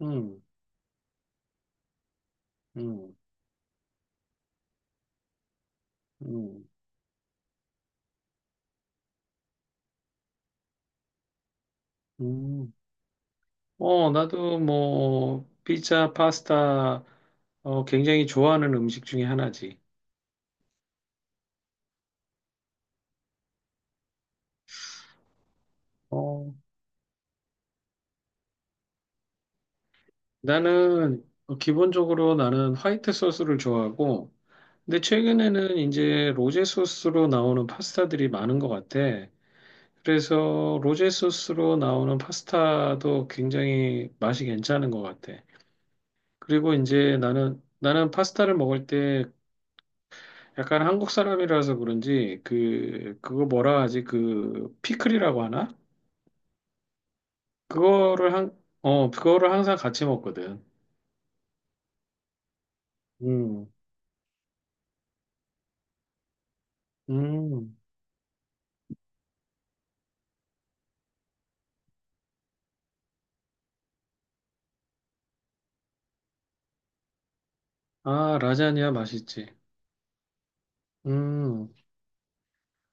음, 음, 음, 음. 어, 나도 뭐, 피자, 파스타, 굉장히 좋아하는 음식 중에 하나지. 어, 기본적으로 나는 화이트 소스를 좋아하고, 근데 최근에는 이제 로제 소스로 나오는 파스타들이 많은 것 같아. 그래서 로제 소스로 나오는 파스타도 굉장히 맛이 괜찮은 것 같아. 그리고 이제 나는 파스타를 먹을 때 약간 한국 사람이라서 그런지 그거 뭐라 하지? 그 피클이라고 하나? 그거를 항상 같이 먹거든. 음. 음. 아, 라자냐 맛있지. 음.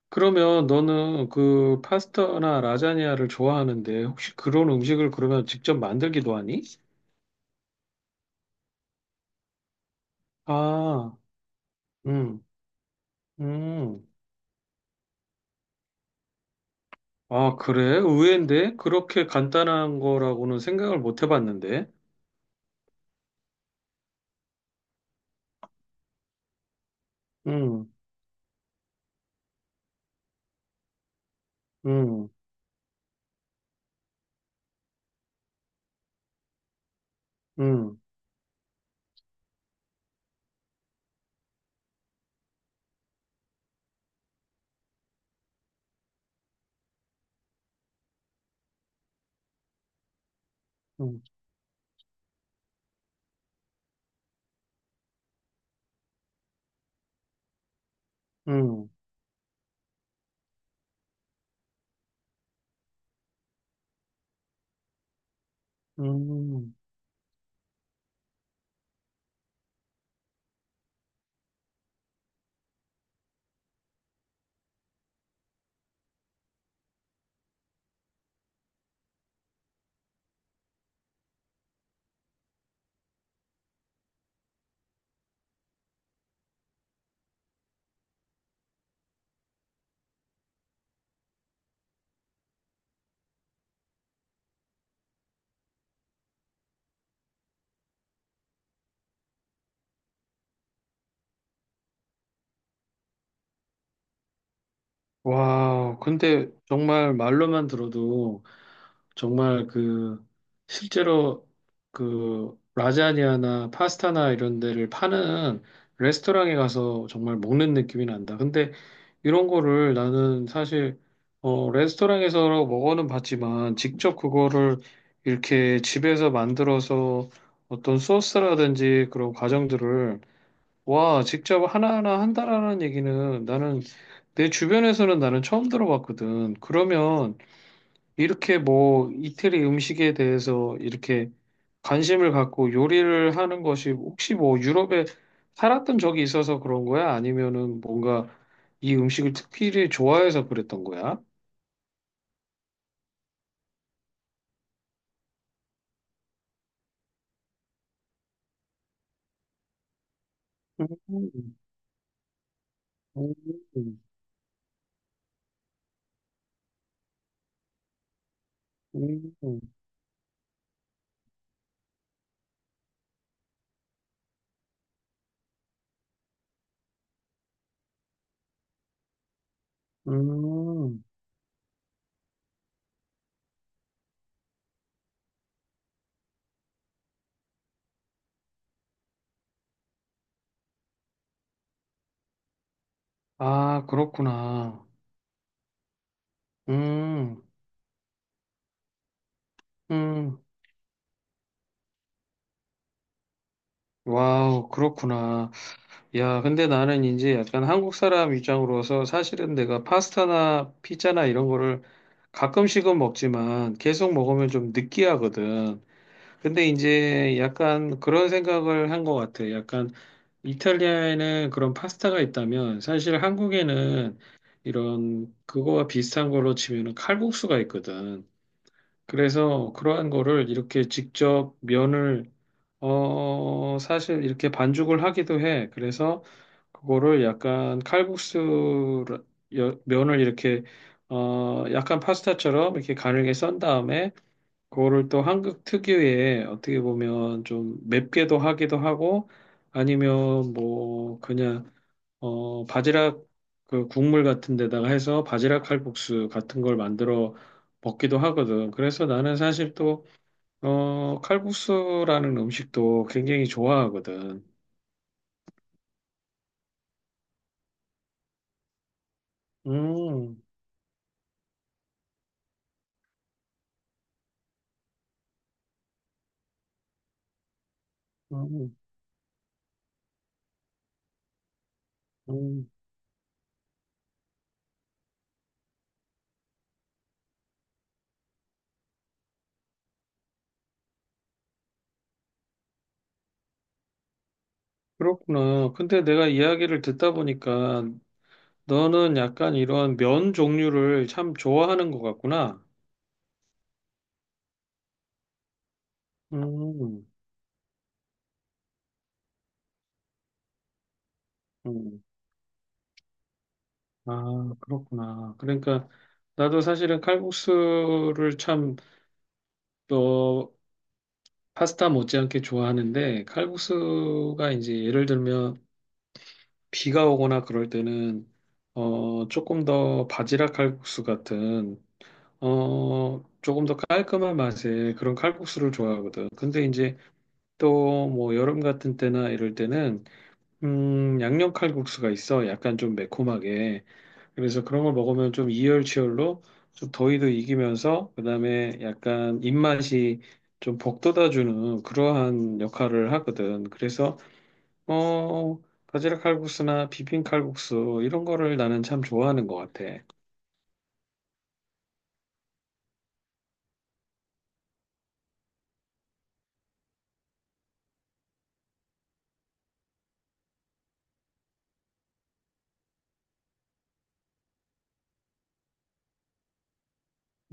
그러면 너는 그 파스타나 라자냐를 좋아하는데 혹시 그런 음식을 그러면 직접 만들기도 하니? 아, 음. 음. 아, 그래? 의외인데? 그렇게 간단한 거라고는 생각을 못 해봤는데. 음. 음. 음. 음. 음, 음. 와, 근데 정말 말로만 들어도 정말 그 실제로 그 라자냐나 파스타나 이런 데를 파는 레스토랑에 가서 정말 먹는 느낌이 난다. 근데 이런 거를 나는 사실 레스토랑에서 먹어는 봤지만 직접 그거를 이렇게 집에서 만들어서 어떤 소스라든지 그런 과정들을 와, 직접 하나하나 한다라는 얘기는 나는 내 주변에서는 나는 처음 들어봤거든. 그러면 이렇게 뭐 이태리 음식에 대해서 이렇게 관심을 갖고 요리를 하는 것이 혹시 뭐 유럽에 살았던 적이 있어서 그런 거야? 아니면은 뭔가 이 음식을 특별히 좋아해서 그랬던 거야? 음, 음, 음, 음. 아, 그렇구나. 음, 음, 와우, 그렇구나. 야, 근데 나는 이제 약간 한국 사람 입장으로서 사실은 내가 파스타나 피자나 이런 거를 가끔씩은 먹지만 계속 먹으면 좀 느끼하거든. 근데 이제 약간 그런 생각을 한 것 같아. 약간 이탈리아에는 그런 파스타가 있다면 사실 한국에는 이런 그거와 비슷한 걸로 치면은 칼국수가 있거든. 그래서 그러한 거를 이렇게 직접 면을 사실 이렇게 반죽을 하기도 해. 그래서 그거를 약간 칼국수 면을 이렇게 약간 파스타처럼 이렇게 가늘게 썬 다음에 그거를 또 한국 특유의 어떻게 보면 좀 맵게도 하기도 하고 아니면 뭐 그냥 바지락 그 국물 같은 데다가 해서 바지락 칼국수 같은 걸 만들어 먹기도 하거든. 그래서 나는 사실 또 칼국수라는 음식도 굉장히 좋아하거든. 음, 음, 음. 그렇구나. 근데 내가 이야기를 듣다 보니까 너는 약간 이런 면 종류를 참 좋아하는 것 같구나. 음, 음. 아, 그렇구나. 그러니까 나도 사실은 칼국수를 참, 어, 파스타 못지않게 좋아하는데 칼국수가 이제 예를 들면 비가 오거나 그럴 때는 조금 더 바지락 칼국수 같은 조금 더 깔끔한 맛의 그런 칼국수를 좋아하거든. 근데 이제 또 뭐 여름 같은 때나 이럴 때는 양념 칼국수가 있어. 약간 좀 매콤하게. 그래서 그런 걸 먹으면 좀 이열치열로 좀 더위도 이기면서 그다음에 약간 입맛이 좀 복돋아주는 그러한 역할을 하거든. 그래서 어 바지락 칼국수나 비빔 칼국수 이런 거를 나는 참 좋아하는 것 같아.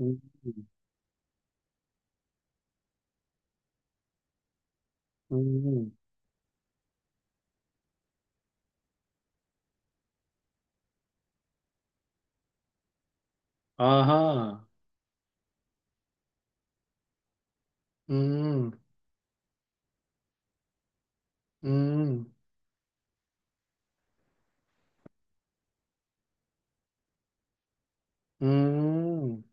음, 음, 음. 아하, 음, 음, 음.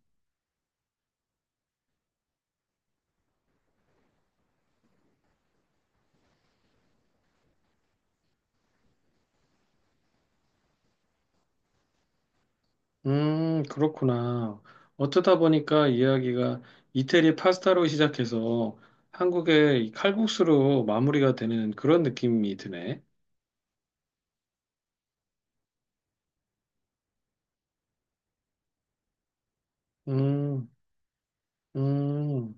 그렇구나. 어쩌다 보니까 이야기가 이태리 파스타로 시작해서 한국의 이 칼국수로 마무리가 되는 그런 느낌이 드네. 음, 음,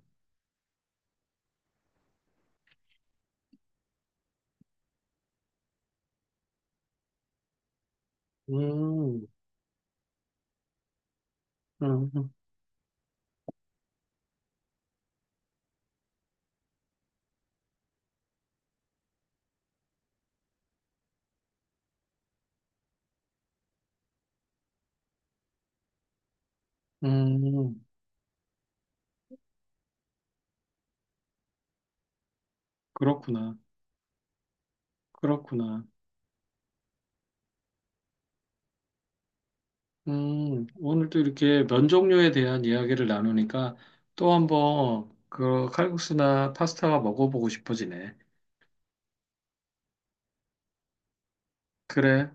음, 음, 음, 그렇구나. 그렇구나. 오늘도 이렇게 면 종류에 대한 이야기를 나누니까 또 한번 그 칼국수나 파스타가 먹어보고 싶어지네. 그래.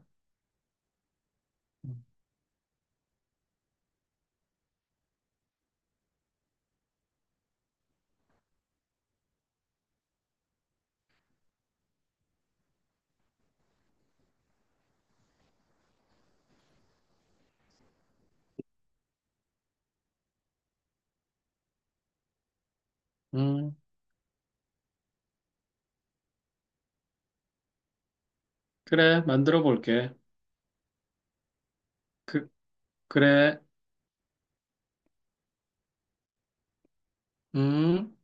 음, 그래. 만들어 볼게. 그, 그래. 음.